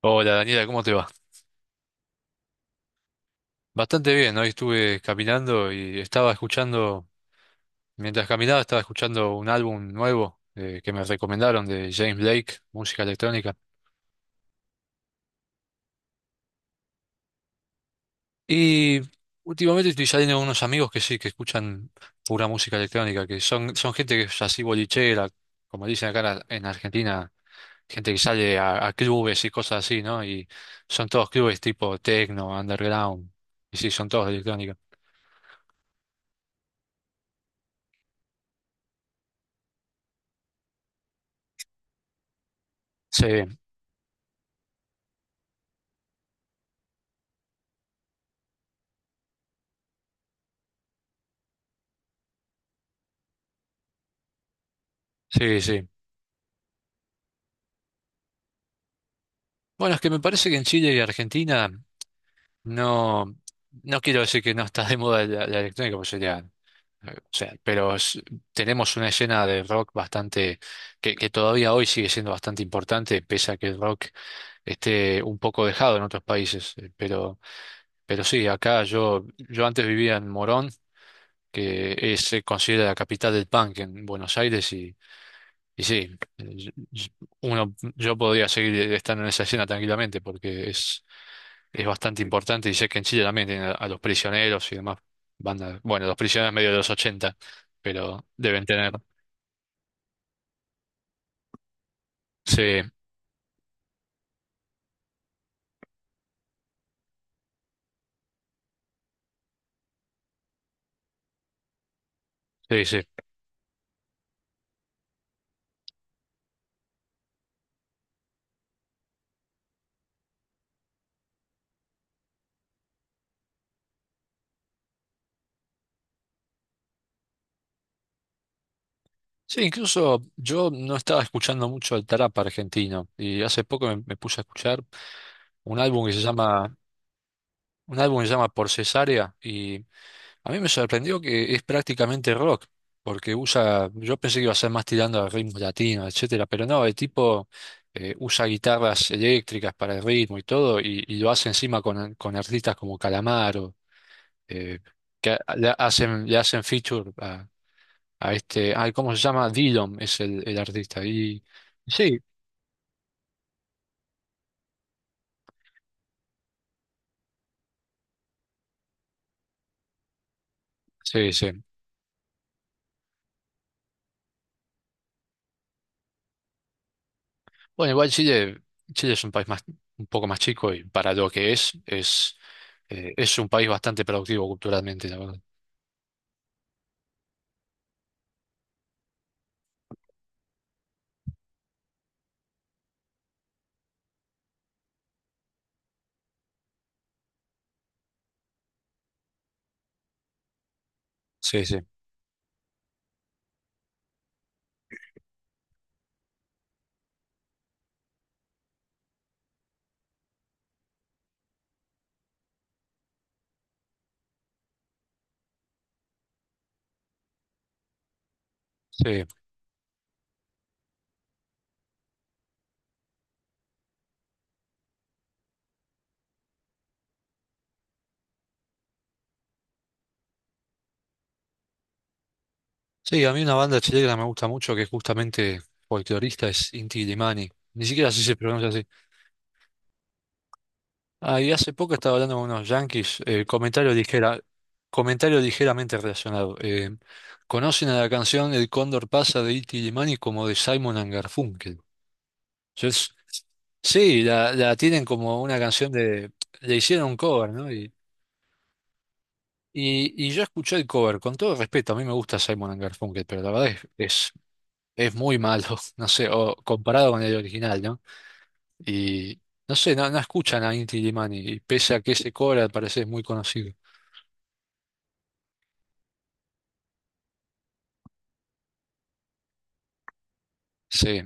Hola Daniela, ¿cómo te va? Bastante bien, hoy estuve caminando y estaba escuchando, mientras caminaba estaba escuchando un álbum nuevo que me recomendaron de James Blake, música electrónica. Y últimamente estoy saliendo con unos amigos que sí, que escuchan pura música electrónica, que son gente que es así bolichera, como dicen acá en en Argentina, gente que sale a clubes y cosas así, ¿no? Y son todos clubes tipo techno, underground, y sí, son todos de electrónica. Sí, sí, sí. Bueno, es que me parece que en Chile y Argentina no, no quiero decir que no está de moda la electrónica, pues sería, o sea, tenemos una escena de rock bastante, que todavía hoy sigue siendo bastante importante, pese a que el rock esté un poco dejado en otros países. Pero sí, acá yo antes vivía en Morón, que es, se considera la capital del punk en Buenos Aires, y sí, eh, y- y uno, yo podría seguir estando en esa escena tranquilamente, porque es bastante importante y sé que en Chile también tienen a los prisioneros y demás bandas. Bueno, los prisioneros medio de los 80 pero deben tener. Sí, sí, sí. Sí, incluso yo no estaba escuchando mucho el trap argentino y hace poco me puse a escuchar un álbum que se llama, un álbum que se llama Por Cesárea a mí me sorprendió que es prácticamente rock, porque usa, yo pensé que iba a ser más tirando a ritmos latinos, etcétera, pero no, el tipo usa guitarras eléctricas para el ritmo y todo, y lo hace encima con artistas como Calamaro, eh, le hacen feature a este, ay, ¿cómo se llama? Dillom es el artista. Y sí, sí, sí. Bueno, igual Chile, Chile es un país más, un poco más chico y para lo que es un país bastante productivo culturalmente, la verdad. Sí, sí, sí. Sí, a mí una banda chilena me gusta mucho que es justamente folclorista es Inti Illimani. Ni siquiera sé si se pronuncia así. Ah, y hace poco estaba hablando con unos yanquis, comentario ligeramente relacionado. Conocen a la canción El Cóndor pasa de Inti Illimani como de Simon and Garfunkel. Yo es- sí, la tienen como una canción de... Le hicieron un cover, ¿no? Y yo escuché el cover, con todo respeto, a mí me gusta Simon and Garfunkel, pero la verdad es muy malo, no sé, o comparado con el original, ¿no? Y no sé, no, no escuchan a Inti Illimani, y pese a que ese cobra al parecer es muy conocido. Sí.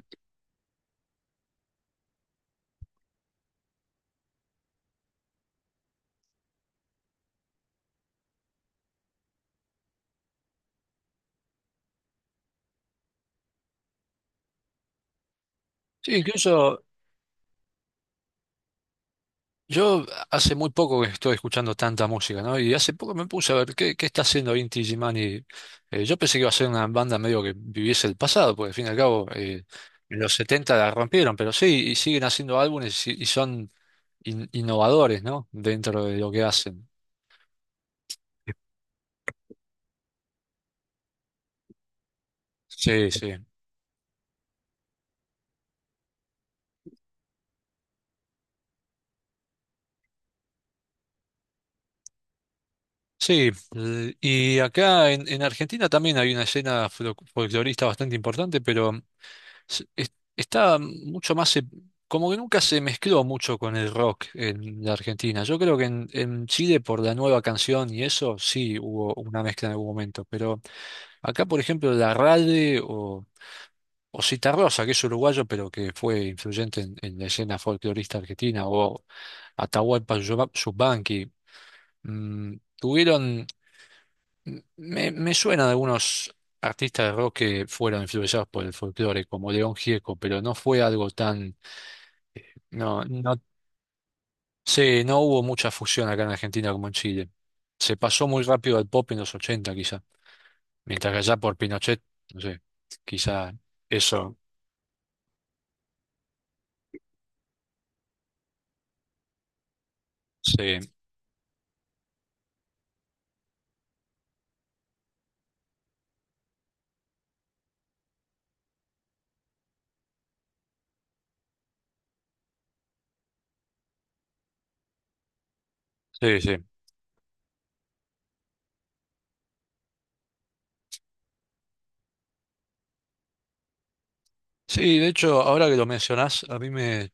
Sí, incluso yo hace muy poco que estoy escuchando tanta música, ¿no? Y hace poco me puse a ver qué, qué está haciendo Inti Illimani. Yo pensé que iba a ser una banda medio que viviese el pasado, porque al fin y al cabo en los 70 la rompieron, pero sí, y siguen haciendo álbumes y son innovadores, ¿no? Dentro de lo que hacen. Sí, sí. Sí, y acá en Argentina también hay una escena folclorista bastante importante, pero está mucho más, como que nunca se mezcló mucho con el rock en la Argentina. Yo creo que en Chile por la nueva canción y eso sí hubo una mezcla en algún momento, pero acá por ejemplo la Rade o Citarrosa, que es uruguayo pero que fue influyente en la escena folclorista argentina, o Atahualpa Yupanqui, mm, tuvieron Me, me suena de algunos artistas de rock que fueron influenciados por el folclore, como León Gieco, pero no fue algo tan... No, no, sí, no hubo mucha fusión acá en Argentina como en Chile. Se pasó muy rápido al pop en los 80 quizá, mientras que allá por Pinochet, no sé, quizá eso. Sí, sí, sí. Sí, de hecho, ahora que lo mencionás, a mí me...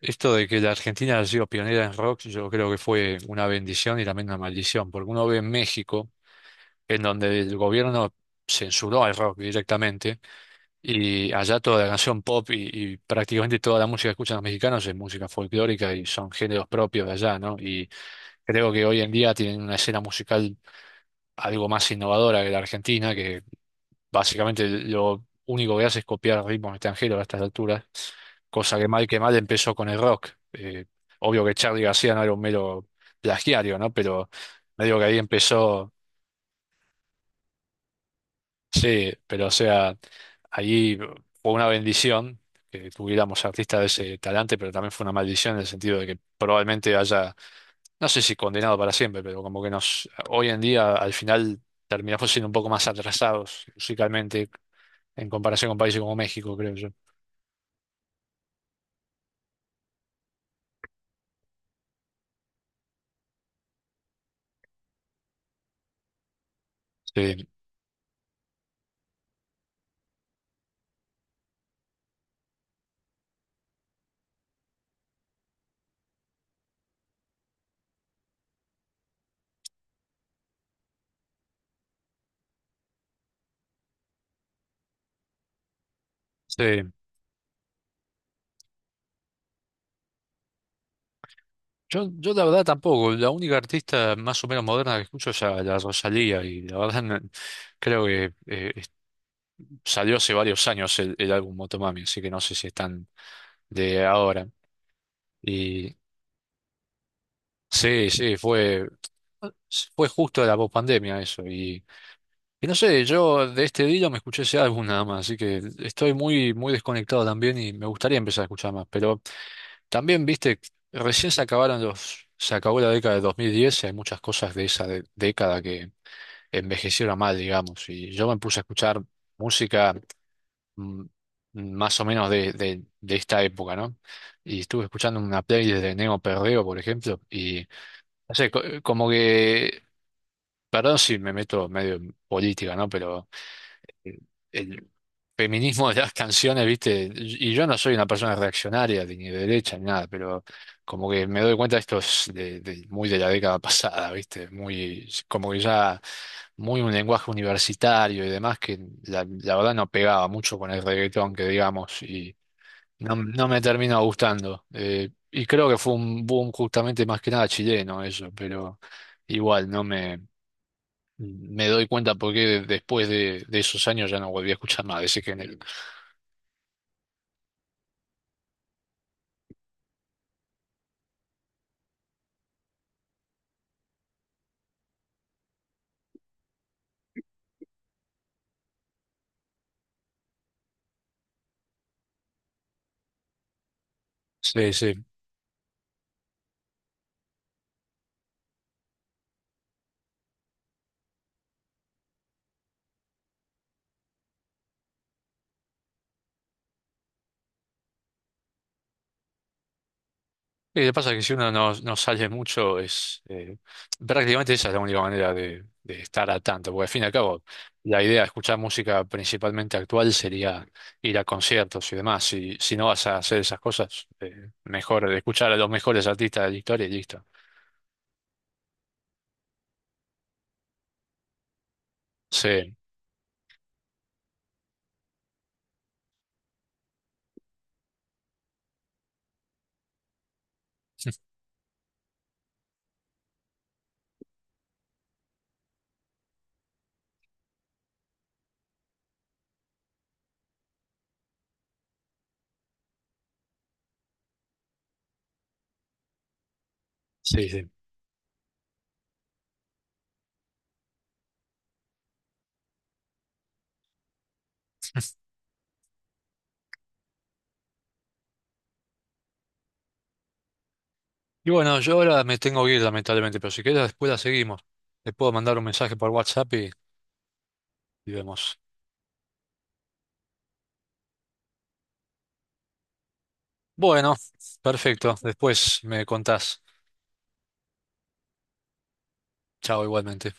Esto de que la Argentina ha sido pionera en rock, yo creo que fue una bendición y también una maldición, porque uno ve en México en donde el gobierno censuró al rock directamente y allá toda la canción pop y prácticamente toda la música que escuchan los mexicanos es música folclórica y son géneros propios de allá, ¿no? Y creo que hoy en día tienen una escena musical algo más innovadora que la argentina, que básicamente lo único que hace es copiar ritmos extranjeros a estas alturas, cosa que mal empezó con el rock. Obvio que Charly García no era un mero plagiario, ¿no? Pero medio que ahí empezó. Sí, pero o sea, allí fue una bendición que tuviéramos artistas de ese talante, pero también fue una maldición en el sentido de que probablemente haya, no sé si condenado para siempre, pero como que nos, hoy en día al final terminamos siendo un poco más atrasados musicalmente en comparación con países como México, creo yo. Sí, sí. Yo la verdad tampoco, la única artista más o menos moderna que escucho es a la Rosalía y la verdad creo que salió hace varios años el álbum Motomami, así que no sé si están de ahora. Y sí, sí, fue, fue justo la pospandemia eso. Y no sé, yo de este Dilo me escuché ese álbum nada más, así que estoy muy, muy desconectado también y me gustaría empezar a escuchar más. Pero también, viste, recién se acabaron los, se acabó la década de 2010 y hay muchas cosas de esa década que envejecieron mal, digamos. Y yo me puse a escuchar música mm, más o menos de esta época, ¿no? Y estuve escuchando una playlist de Neo Perreo, por ejemplo, no sé, como que, perdón si me meto medio en política, ¿no? Pero eh, el feminismo de las canciones, ¿viste? Y yo no soy una persona reaccionaria, ni de derecha, ni nada, pero como que me doy cuenta de esto es de, muy de la década pasada, ¿viste? Muy, como que ya, muy un lenguaje universitario y demás que la verdad no pegaba mucho con el reggaetón, que digamos, no, no me terminó gustando. Y creo que fue un boom justamente más que nada chileno eso, pero igual no me, me doy cuenta porque después de esos años ya no volví a escuchar más de ese género. Sí, sí. Y lo que pasa es que si uno no sale mucho, es prácticamente esa es la única manera de estar a tanto, porque al fin y al cabo la idea de escuchar música principalmente actual sería ir a conciertos y demás. Si, si no vas a hacer esas cosas, mejor escuchar a los mejores artistas de la historia y listo. Sí, sí, sí. Y bueno, yo ahora me tengo que ir lamentablemente, pero si querés después la seguimos. Te puedo mandar un mensaje por WhatsApp y vemos. Bueno, perfecto. Después me contás. Chao igualmente.